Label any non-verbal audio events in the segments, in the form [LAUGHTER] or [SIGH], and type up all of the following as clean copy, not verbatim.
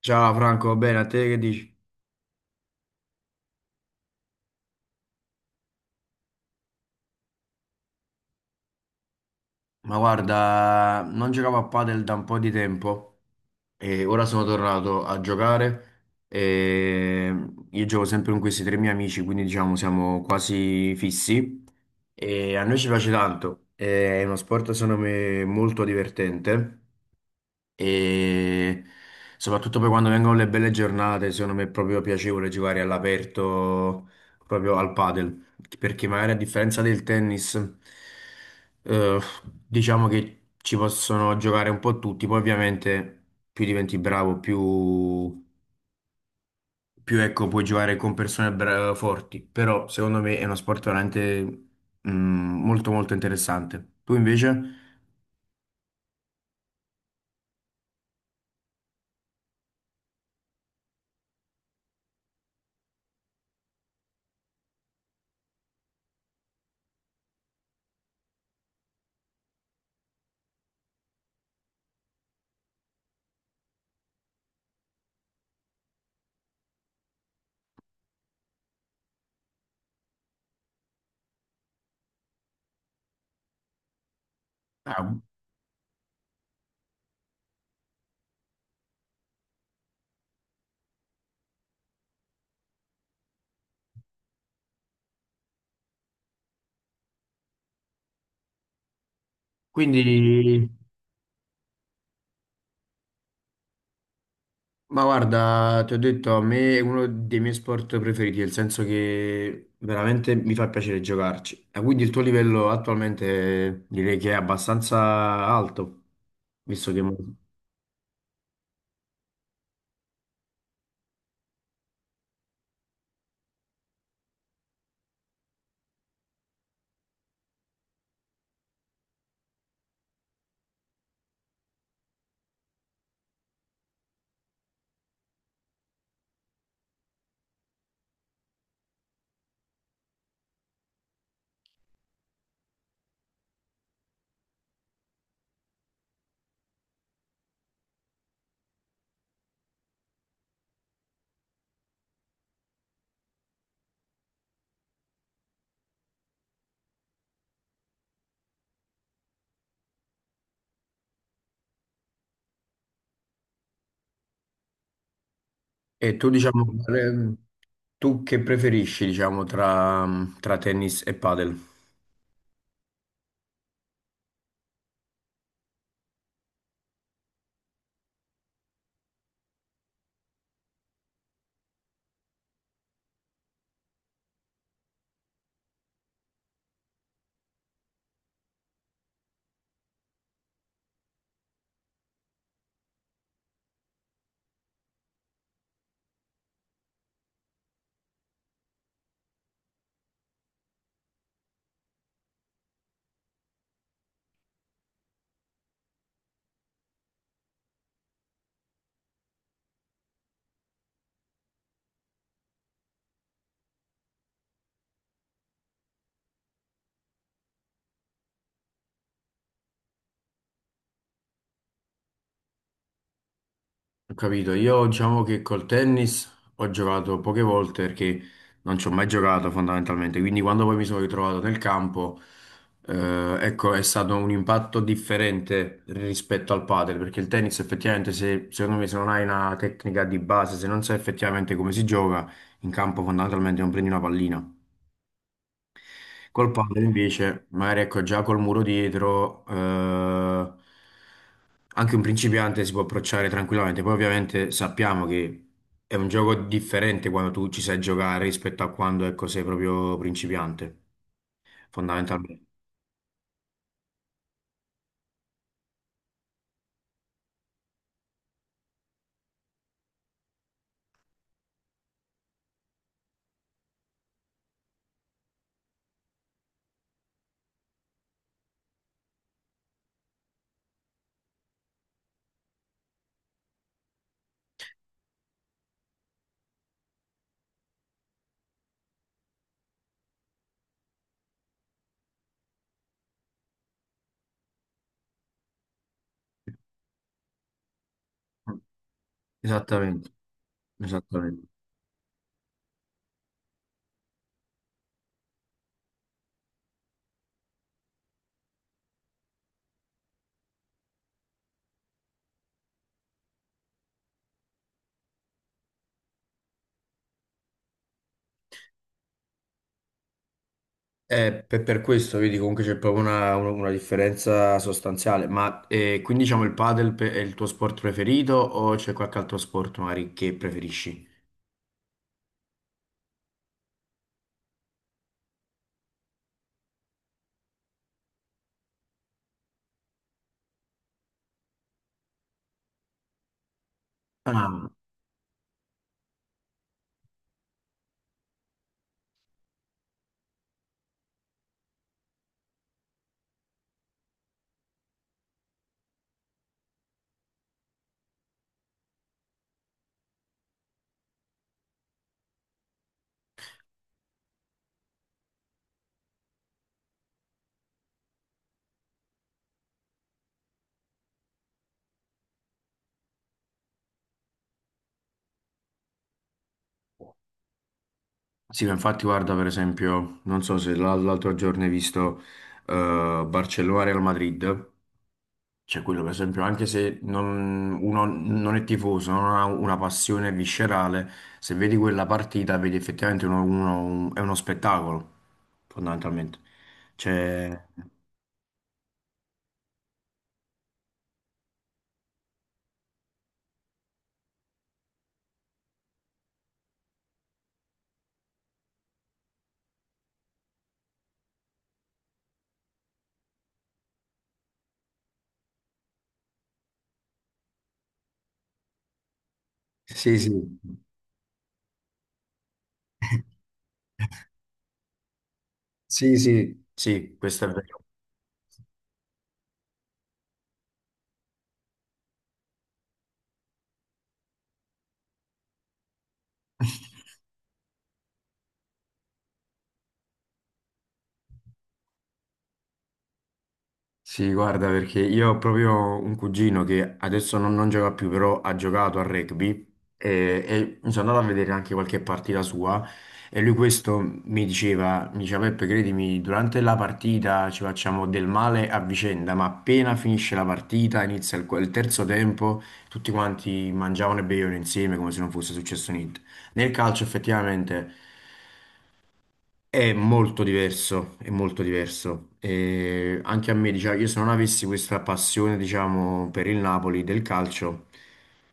Ciao Franco, va bene? A te che dici? Ma guarda, non giocavo a padel da un po' di tempo e ora sono tornato a giocare e io gioco sempre con questi tre miei amici, quindi diciamo siamo quasi fissi e a noi ci piace tanto, è uno sport secondo me molto divertente e soprattutto poi quando vengono le belle giornate, secondo me è proprio piacevole giocare all'aperto, proprio al padel, perché magari a differenza del tennis, eh, diciamo che ci possono giocare un po' tutti, poi ovviamente più diventi bravo, più ecco, puoi giocare con persone forti, però secondo me è uno sport veramente molto molto interessante. Tu invece? Ah, quindi... Ma guarda, ti ho detto, a me è uno dei miei sport preferiti, nel senso che veramente mi fa piacere giocarci. E quindi il tuo livello attualmente direi che è abbastanza alto, visto che... E tu, diciamo, tu che preferisci, diciamo, tra tennis e padel? Ho capito, io diciamo che col tennis ho giocato poche volte perché non ci ho mai giocato fondamentalmente, quindi quando poi mi sono ritrovato nel campo, ecco, è stato un impatto differente rispetto al padel, perché il tennis effettivamente, se, secondo me, se non hai una tecnica di base, se non sai effettivamente come si gioca, in campo fondamentalmente non prendi una pallina. Col padre invece, magari ecco già col muro dietro, anche un principiante si può approcciare tranquillamente. Poi ovviamente sappiamo che è un gioco differente quando tu ci sai giocare rispetto a quando ecco, sei proprio principiante, fondamentalmente. Esattamente, esattamente. Per questo, vedi, comunque c'è proprio una differenza sostanziale. Ma quindi diciamo il è il tuo sport preferito o c'è qualche altro sport magari che preferisci? Ah, sì, ma infatti guarda per esempio, non so se l'altro giorno hai visto Barcellona-Real Madrid, cioè quello per esempio, anche se non, uno non è tifoso, non ha una passione viscerale, se vedi quella partita vedi effettivamente è uno spettacolo, fondamentalmente. Cioè, sì, sì, sì, sì, sì, questo è vero. [LAUGHS] Sì, guarda, perché io ho proprio un cugino che adesso non gioca più, però ha giocato a rugby e mi sono andato a vedere anche qualche partita sua e lui questo mi diceva Peppe, credimi, durante la partita ci facciamo del male a vicenda, ma appena finisce la partita, inizia il terzo tempo, tutti quanti mangiavano e bevevano insieme come se non fosse successo niente. Nel calcio effettivamente... È molto diverso, è molto diverso. E anche a me, diciamo, io se non avessi questa passione, diciamo, per il Napoli del calcio,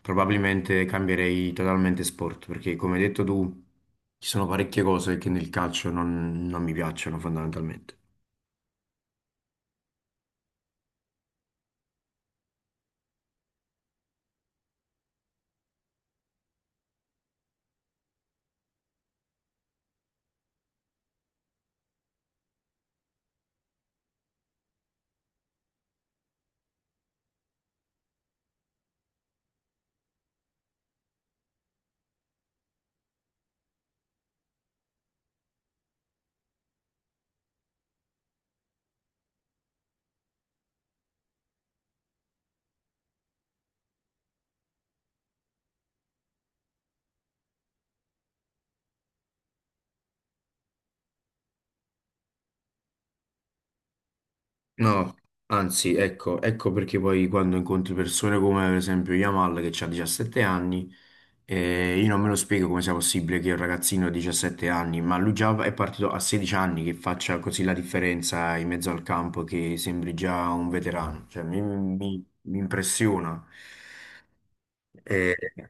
probabilmente cambierei totalmente sport, perché come hai detto tu, ci sono parecchie cose che nel calcio non mi piacciono fondamentalmente. No, anzi, ecco, ecco perché poi quando incontri persone come per esempio Yamal che ha 17 anni. E io non me lo spiego come sia possibile che un ragazzino di 17 anni, ma lui già è partito a 16 anni, che faccia così la differenza in mezzo al campo, che sembri già un veterano. Cioè, mi impressiona. E-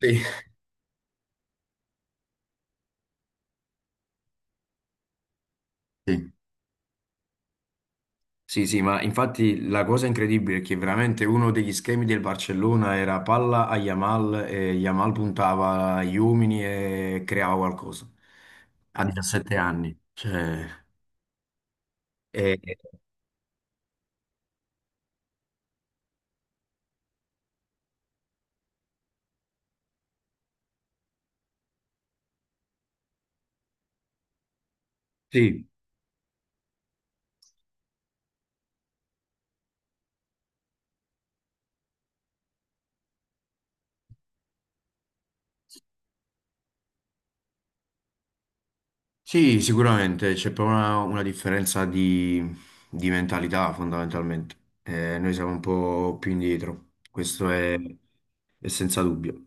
Sì. Sì. Sì, sì, ma infatti la cosa incredibile è che veramente uno degli schemi del Barcellona era palla a Yamal e Yamal puntava agli uomini e creava qualcosa a 17 anni. Cioè, e- sì. Sì, sicuramente c'è proprio una differenza di mentalità fondamentalmente. Noi siamo un po' più indietro, questo è senza dubbio.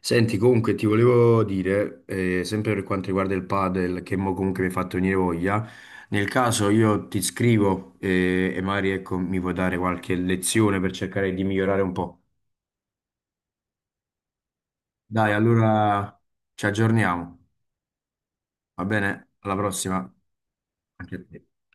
Senti, comunque ti volevo dire, sempre per quanto riguarda il padel, che mo comunque mi hai fatto venire voglia, nel caso io ti scrivo e magari ecco, mi puoi dare qualche lezione per cercare di migliorare un po'. Dai, allora ci aggiorniamo, va bene? Alla prossima, anche a te.